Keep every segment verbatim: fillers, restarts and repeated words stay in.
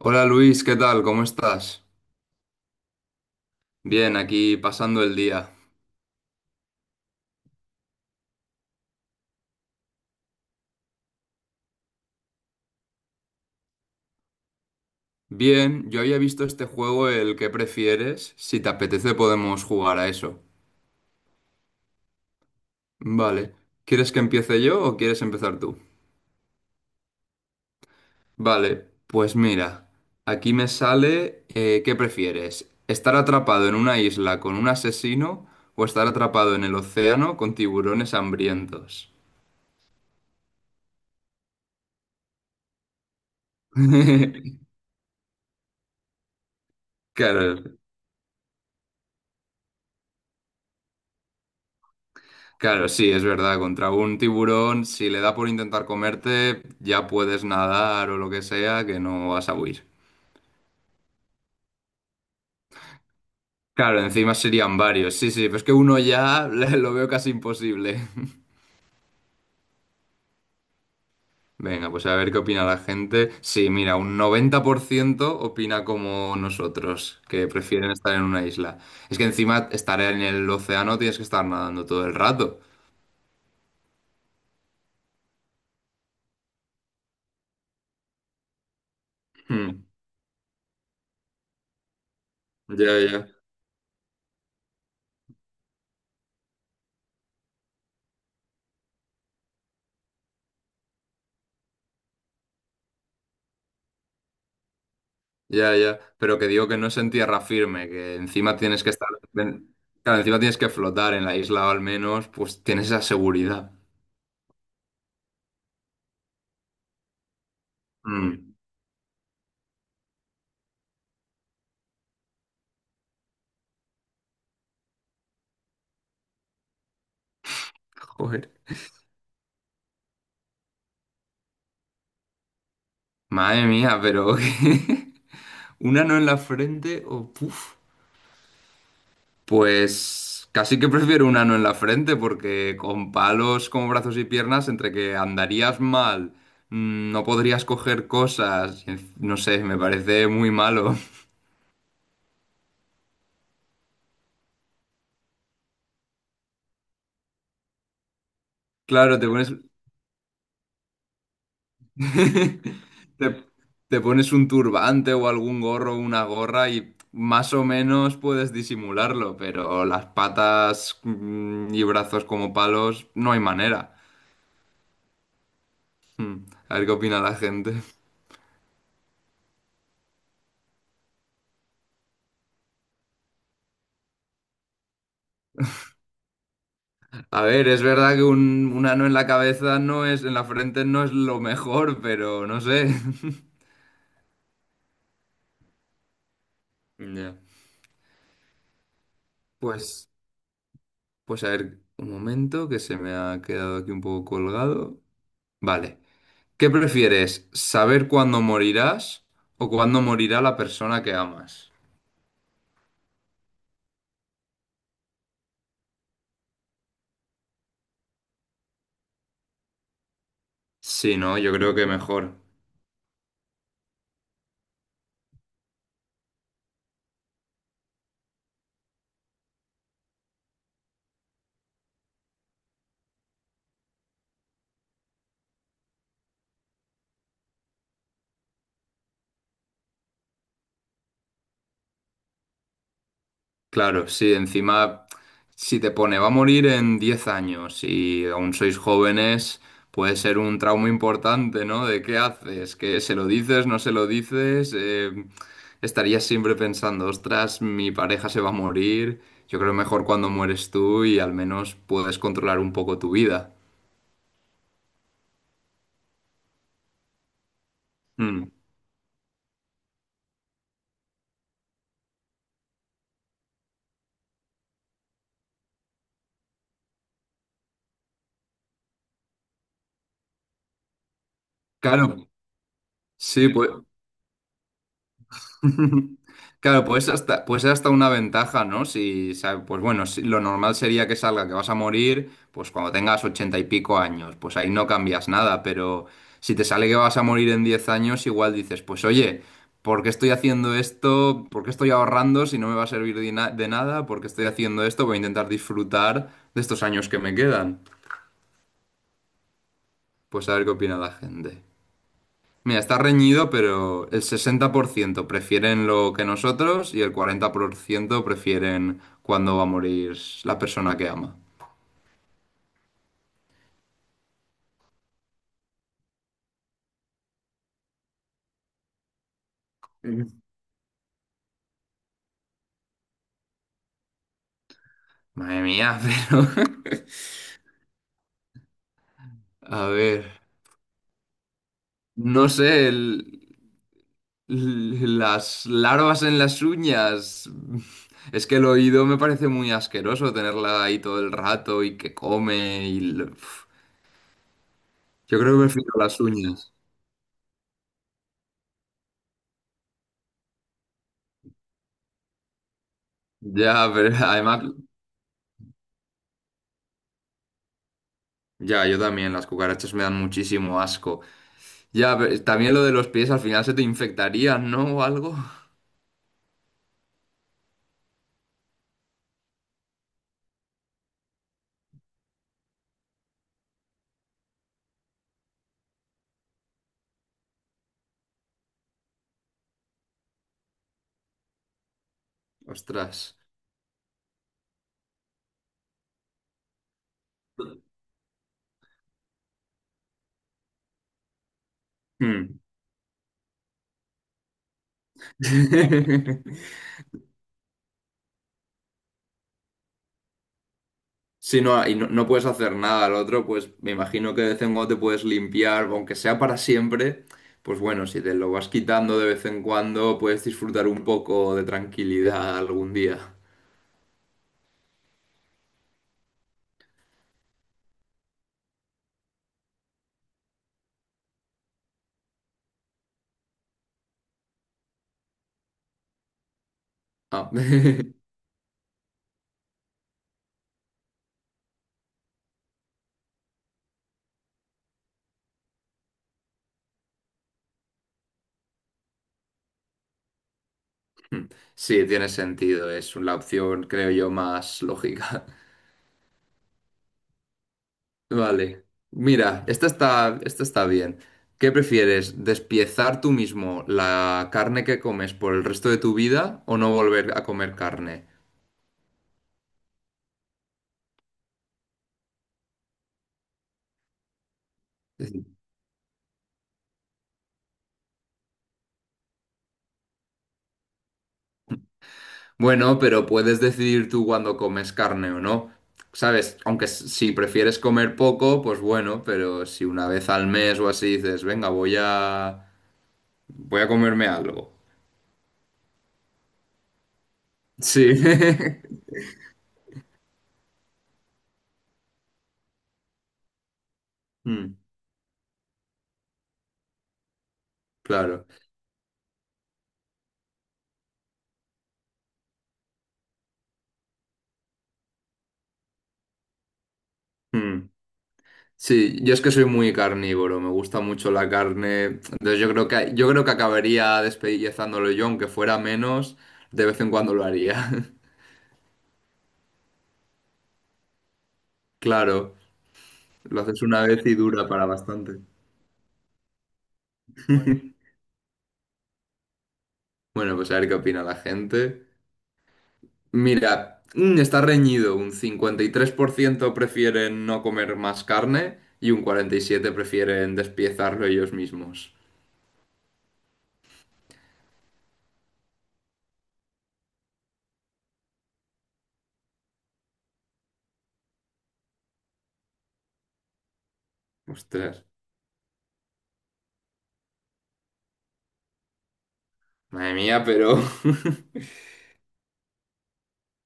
Hola Luis, ¿qué tal? ¿Cómo estás? Bien, aquí pasando el día. Bien, yo había visto este juego, el que prefieres. Si te apetece podemos jugar a eso. Vale. ¿Quieres que empiece yo o quieres empezar tú? Vale, pues mira, aquí me sale eh, ¿qué prefieres? ¿Estar atrapado en una isla con un asesino o estar atrapado en el océano con tiburones hambrientos? Claro, Claro, sí, es verdad. Contra un tiburón, si le da por intentar comerte, ya puedes nadar o lo que sea, que no vas a huir. Claro, encima serían varios. Sí, sí, pero es que uno ya le- lo veo casi imposible. Venga, pues a ver qué opina la gente. Sí, mira, un noventa por ciento opina como nosotros, que prefieren estar en una isla. Es que encima estar en el océano tienes que estar nadando todo el rato. Hmm. Ya, ya. Ya, ya, pero que digo que no es en tierra firme, que encima tienes que estar, en- claro, encima tienes que flotar en la isla o al menos, pues tienes esa seguridad. Mm. Joder, madre mía, pero un ano en la frente o puf, pues casi que prefiero un ano en la frente porque con palos como brazos y piernas, entre que andarías mal, mm, no podrías coger cosas, y en- no sé, me parece muy malo. Claro, te pones, Te, te pones un turbante o algún gorro una gorra y más o menos puedes disimularlo, pero las patas mm, y brazos como palos no hay manera. Mm. A ver qué opina la gente. A ver, es verdad que un, un ano en la cabeza no es, en la frente no es lo mejor, pero no sé. Ya. Pues, pues a ver, un momento que se me ha quedado aquí un poco colgado. Vale. ¿Qué prefieres? ¿Saber cuándo morirás o cuándo morirá la persona que amas? Sí, no, yo creo que mejor. Claro, sí, encima, si te pone va a morir en diez años y aún sois jóvenes, puede ser un trauma importante, ¿no? ¿De qué haces? ¿Que se lo dices, no se lo dices? Eh, estarías siempre pensando, ostras, mi pareja se va a morir. Yo creo mejor cuando mueres tú y al menos puedes controlar un poco tu vida. Mm. Claro, sí, pues. Claro, pues hasta, pues hasta una ventaja, ¿no? Si, sa- pues bueno, si- lo normal sería que salga que vas a morir, pues cuando tengas ochenta y pico años, pues ahí no cambias nada, pero si te sale que vas a morir en diez años, igual dices, pues oye, ¿por qué estoy haciendo esto? ¿Por qué estoy ahorrando si no me va a servir de, na- de nada? ¿Por qué estoy haciendo esto? Voy a intentar disfrutar de estos años que me quedan. Pues a ver qué opina la gente. Mira, está reñido, pero el sesenta por ciento prefieren lo que nosotros y el cuarenta por ciento prefieren cuándo va a morir la persona que ama. Mm. Madre mía, pero... A ver, no sé, el- l- las larvas en las uñas. Es que el oído me parece muy asqueroso tenerla ahí todo el rato y que come y... lo- Uf, yo creo que prefiero las uñas. Ya, pero además... Ya, yo también, las cucarachas me dan muchísimo asco. Ya, pero también lo de los pies, al final se te infectarían, ¿no? O algo. Ostras. Hmm. Sí, no, y no, no puedes hacer nada al otro, pues me imagino que de vez en cuando te puedes limpiar, aunque sea para siempre, pues bueno, si te lo vas quitando de vez en cuando, puedes disfrutar un poco de tranquilidad algún día. Ah. Sí, tiene sentido, es la opción, creo yo, más lógica. Vale. Mira, esta está, esta está bien. ¿Qué prefieres? ¿Despiezar tú mismo la carne que comes por el resto de tu vida o no volver a comer carne? Decir, Bueno, pero puedes decidir tú cuando comes carne o no. ¿Sabes? Aunque s- si prefieres comer poco, pues bueno, pero si una vez al mes o así dices, venga, voy a voy a comerme algo. Sí. Mm, claro. Mm. Sí, yo es que soy muy carnívoro, me gusta mucho la carne, entonces yo creo que yo creo que acabaría despellezándolo yo, aunque fuera menos, de vez en cuando lo haría. Claro, lo haces una vez y dura para bastante. Bueno, pues a ver qué opina la gente. Mira, mm, está reñido, un cincuenta y tres por ciento prefieren no comer más carne y un cuarenta y siete por ciento prefieren despiezarlo ellos mismos. Ostras, madre mía, pero...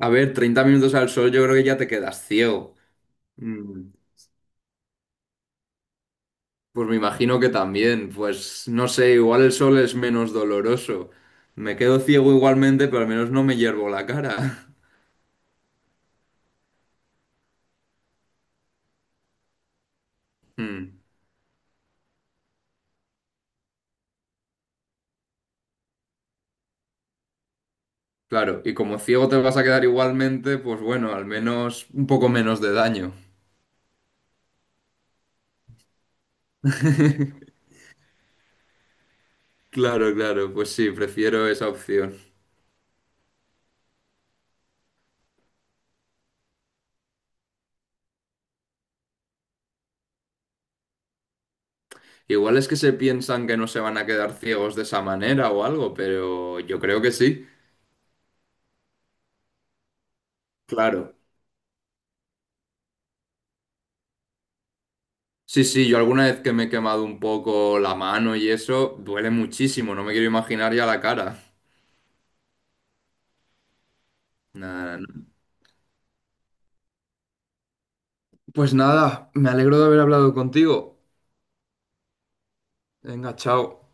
A ver, treinta minutos al sol yo creo que ya te quedas ciego. Mm. Pues me imagino que también, pues no sé, igual el sol es menos doloroso. Me quedo ciego igualmente, pero al menos no me hiervo la cara. Mm. Claro, y como ciego te vas a quedar igualmente, pues bueno, al menos un poco menos de daño. Claro, claro, pues sí, prefiero esa opción. Igual es que se piensan que no se van a quedar ciegos de esa manera o algo, pero yo creo que sí. Claro. Sí, sí, yo alguna vez que me he quemado un poco la mano y eso, duele muchísimo, no me quiero imaginar ya la cara. Nada, no. Pues nada, me alegro de haber hablado contigo. Venga, chao.